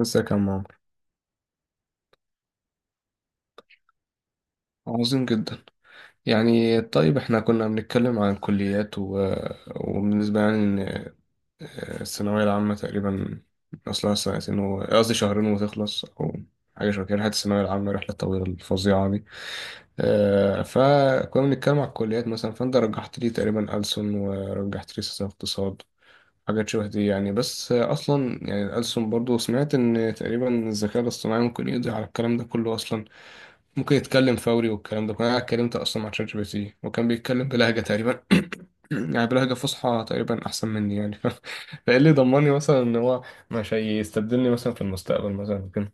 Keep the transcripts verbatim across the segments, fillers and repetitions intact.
ازيك يا عمار. عظيم جدا. يعني طيب احنا كنا بنتكلم عن الكليات و... وبالنسبة يعني ان آه، الثانوية العامة تقريبا اصلها سنتين، و- قصدي شهرين وتخلص او حاجة شبه كده. رحلة الثانوية العامة رحلة طويلة الفظيعة دي. آه، فكنا بنتكلم على الكليات مثلا، فانت رجحت لي تقريبا ألسن ورجحت لي سياسة واقتصاد. حاجات شبه دي يعني. بس آه، اصلا يعني ألسن برضو سمعت ان تقريبا الذكاء الاصطناعي ممكن يقضي على الكلام ده كله اصلا. ممكن يتكلم فوري والكلام ده كنت انا اتكلمت اصلا مع شات جي بي تي وكان بيتكلم بلهجه تقريبا يعني بلهجه فصحى تقريبا احسن مني يعني. فايه اللي ضمني مثلا ان هو مش هيستبدلني مثلا في المستقبل مثلا كده؟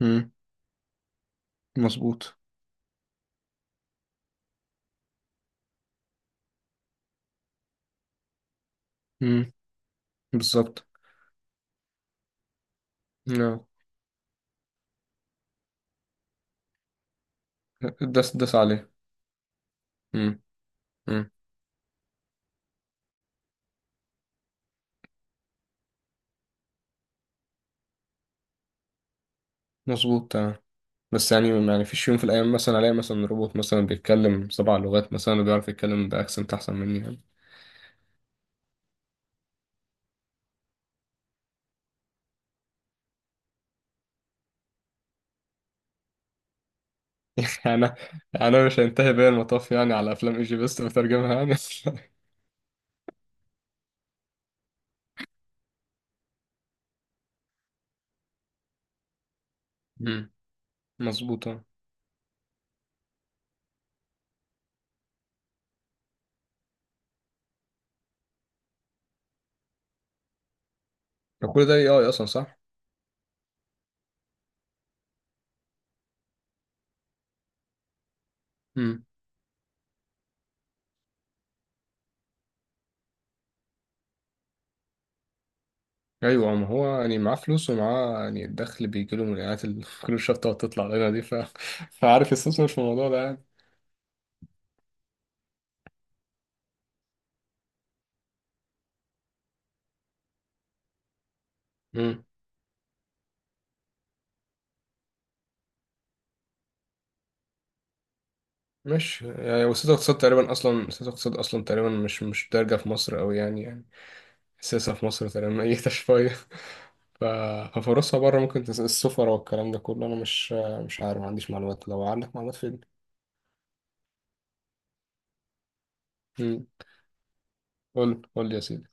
امم. مظبوط. امم. بالظبط. نعم. داس داس عليه. امم. امم. مظبوط تمام. بس يعني يعني فيش يوم في الايام مثلا الاقي مثلا روبوت مثلا بيتكلم سبع لغات مثلا وبيعرف يتكلم باكسنت احسن مني يعني. يعني انا انا مش هينتهي بيا المطاف يعني على افلام ايجي بيست بترجمها يعني. مم. مظبوطة. فكل ده كل ده اي اي اصلا صح. مم. ايوه ما هو يعني معاه فلوس ومعاه يعني الدخل بيجي له من الاعلانات اللي كل شويه بتقعد تطلع لنا دي ف... فعارف يستثمر في الموضوع ده يعني. مم. مش يعني وسياسة اقتصاد تقريبا اصلا. سياسة اقتصاد اصلا تقريبا مش مش دارجة في مصر قوي يعني يعني. السياسة في مصر تقريبا اي شوية. ف... ففرصها بره ممكن تس... السفر والكلام ده كله انا مش مش عارف، ما عنديش معلومات. لو عندك معلومات في. قول قول لي يا سيدي.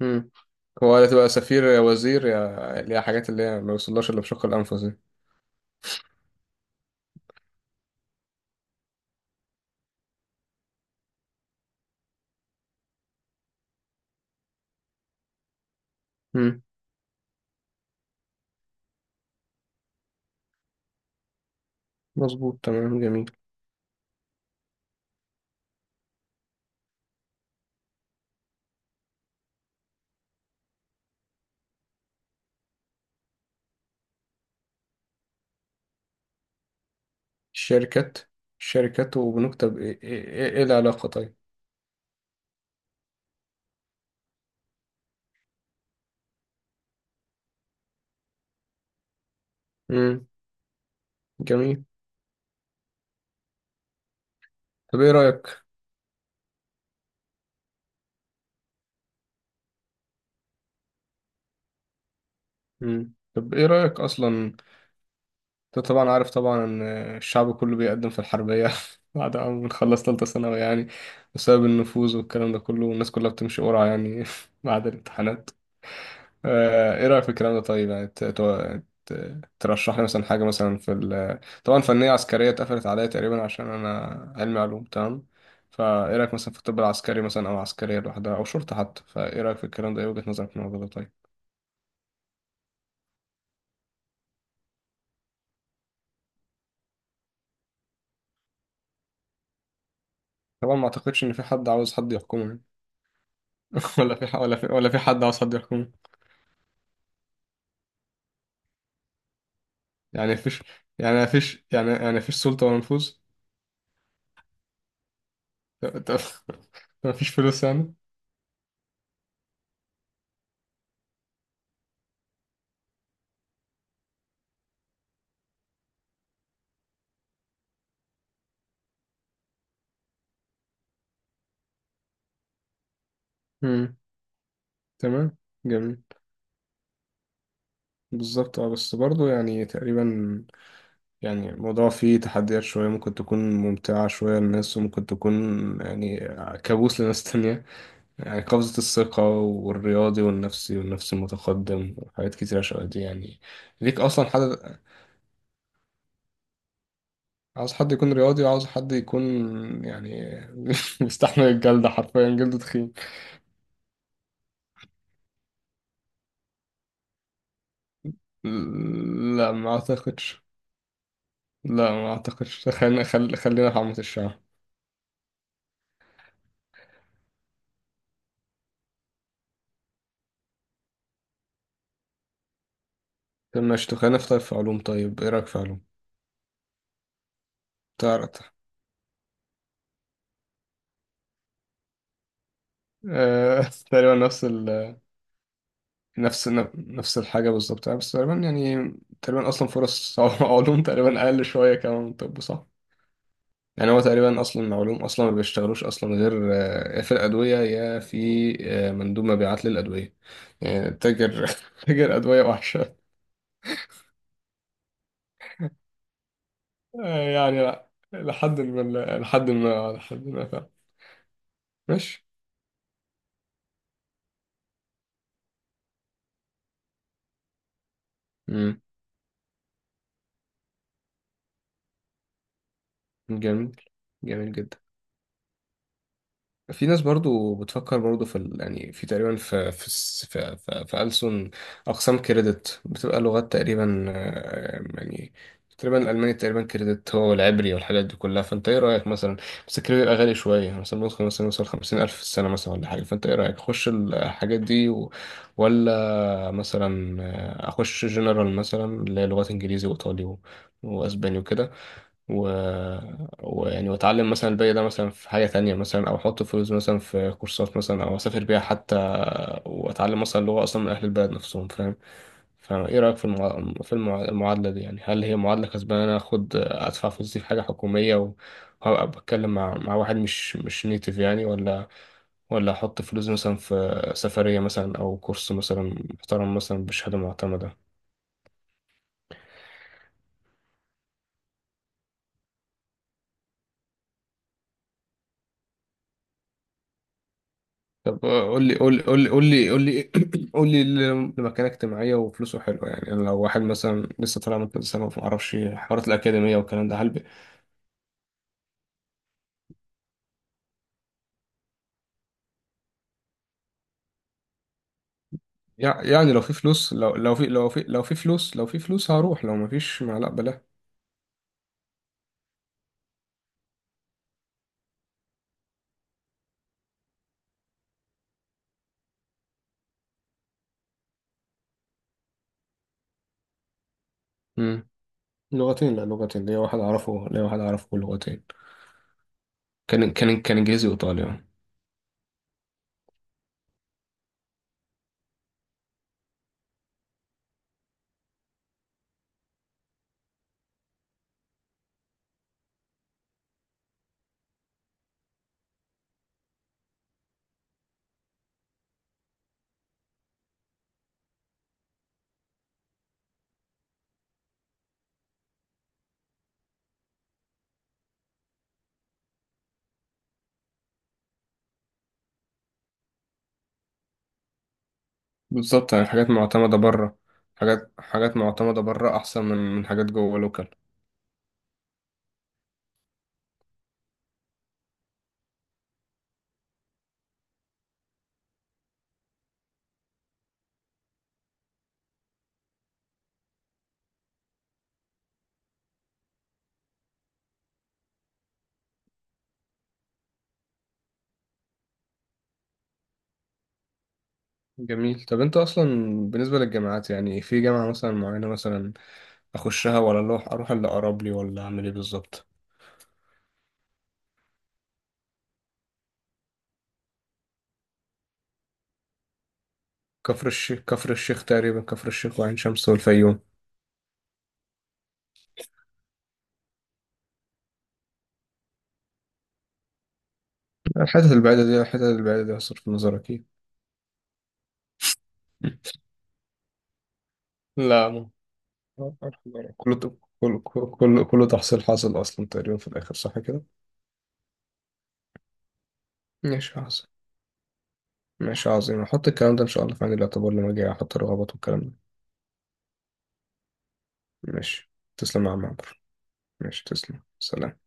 مم. هو يا تبقى سفير يا وزير يا اللي هي حاجات اللي هي ما بيوصلهاش إلا بشق الأنفس دي. مم. مظبوط تمام. جميل. الشركات. الشركات وبنكتب إيه, إيه, إيه, إيه العلاقة طيب؟ مم. جميل. طب إيه رأيك؟ مم. طب إيه رأيك أصلا؟ أنت طبعا عارف طبعا إن الشعب كله بيقدم في الحربية بعد ما بنخلص تالتة ثانوي يعني، بسبب النفوذ والكلام ده كله والناس كلها بتمشي قرعة يعني بعد الامتحانات. آه، ايه رأيك في الكلام ده طيب؟ يعني ت- ت- ت- ترشح لي مثلا حاجة مثلا في ال طبعا فنية عسكرية اتقفلت عليا تقريبا عشان انا علمي علوم تمام. فايه رأيك مثلا في الطب العسكري مثلا او عسكرية لوحدها او شرطة حتى؟ فايه رأيك في الكلام ده؟ ايه وجهة نظرك في الموضوع ده طيب؟ طبعا ما اعتقدش ان في حد عاوز حد يحكمه. ولا في ح- ولا في ولا في حد عاوز حد يحكمه. يعني مفيش، يعني مفيش، يعني يعني مفيش سلطة ولا نفوذ. مفيش فلوس يعني. امم. تمام. جميل. بالظبط اه، بس برضه يعني تقريبا يعني الموضوع فيه تحديات شوية، ممكن تكون ممتعة شوية للناس وممكن تكون يعني كابوس لناس تانية. يعني قفزة الثقة والرياضي والنفسي والنفس المتقدم وحاجات كتيرة شوية دي يعني ليك أصلا حد. عاوز حد يكون رياضي وعاوز حد يكون يعني بيستحمل الجلد، حرفيا جلده تخين. لا ما أعتقدش. لا ما أعتقدش، خلينا خل... خلينا في عامة الشعب. طب ماشي، طب خلينا في، طيب في علوم، طيب إيه رأيك في علوم؟ تعرف آه، تقريبا نفس ال نفس نفس الحاجة بالظبط، بس تقريبا يعني تقريبا أصلا فرص علوم تقريبا أقل شوية كمان من طب صح؟ يعني هو تقريبا أصلا علوم أصلا ما بيشتغلوش أصلا غير آه، يا في الأدوية يا في آه، مندوب مبيعات للأدوية، يعني تاجر تاجر أدوية وحشة. آه، يعني لا، لحد ما لحد ما لحد ما فعلا. ماشي. مم. جميل. جميل جدا. في ناس برضو بتفكر برضو في ال... يعني في تقريبا في في الس- في, في, في ألسن أقسام كريدت بتبقى لغات تقريبا آه، يعني تقريبا الألماني تقريبا كريدت هو العبري والحاجات دي كلها. فأنت إيه رأيك مثلا؟ بس الكريدت بيبقى غالي شوية، مثلا ممكن مثلا يوصل خمسين ألف في السنة مثلا ولا حاجة. فأنت إيه رأيك؟ أخش الحاجات دي و... ولا مثلا آه، أخش جنرال مثلا اللي هي لغات إنجليزي وإيطالي و... وأسباني وكده و... ويعني واتعلم مثلا الباقي ده مثلا في حاجة تانية، مثلا او احط فلوس مثلا في كورسات مثلا او اسافر بيها حتى واتعلم مثلا لغة اصلا من اهل البلد نفسهم، فاهم؟ فايه رأيك في المع... في المع... المعادلة دي؟ يعني هل هي معادلة كسبانة إن انا اخد ادفع فلوسي في حاجة حكومية وهبقى بتكلم مع مع واحد مش مش نيتيف يعني، ولا ولا احط فلوس مثلا في سفرية مثلا او كورس مثلا محترم مثلا بشهادة معتمدة؟ طب آه، قول لي قول لي قول لي قول لي قول لي قول لي اللي مكانه اجتماعية وفلوسه حلوة يعني. أنا لو واحد مثلا لسه طالع من كذا سنة وما أعرفش حوارات الأكاديمية والكلام ده، هل ب- يع- يعني لو في فلوس لو لو في لو في لو في فلوس، لو في فلوس هروح، لو ما فيش ما لا بلا. مم. لغتين. لا، لغتين. ليا واحد أعرفه، ليا واحد أعرفه. لغتين. كان كان كان إنجليزي وإيطالي آه. بالظبط، يعني حاجات معتمدة بره. حاجات حاجات معتمدة بره أحسن من من حاجات جوه لوكال. جميل. طب انت اصلا بالنسبه للجامعات يعني، في جامعه مثلا معينه مثلا اخشها، ولا اللي اروح اروح اللي اقرب لي، ولا اعمل ايه بالظبط؟ كفر الشيخ كفر الشيخ تقريبا كفر الشيخ وعين شمس والفيوم. الحتت البعيدة دي الحتت البعيدة دي هصرف نظر اكيد. لا م- كله كله كله كله تحصيل حاصل اصلا تقريبا في الاخر صح كده. ماشي عظيم. ماشي عظيم، هحط الكلام ده ان شاء الله في عين الاعتبار لما اجي احط الرغبات والكلام ده. ماشي. تسلم يا عم عمرو. ماشي تسلم سلام.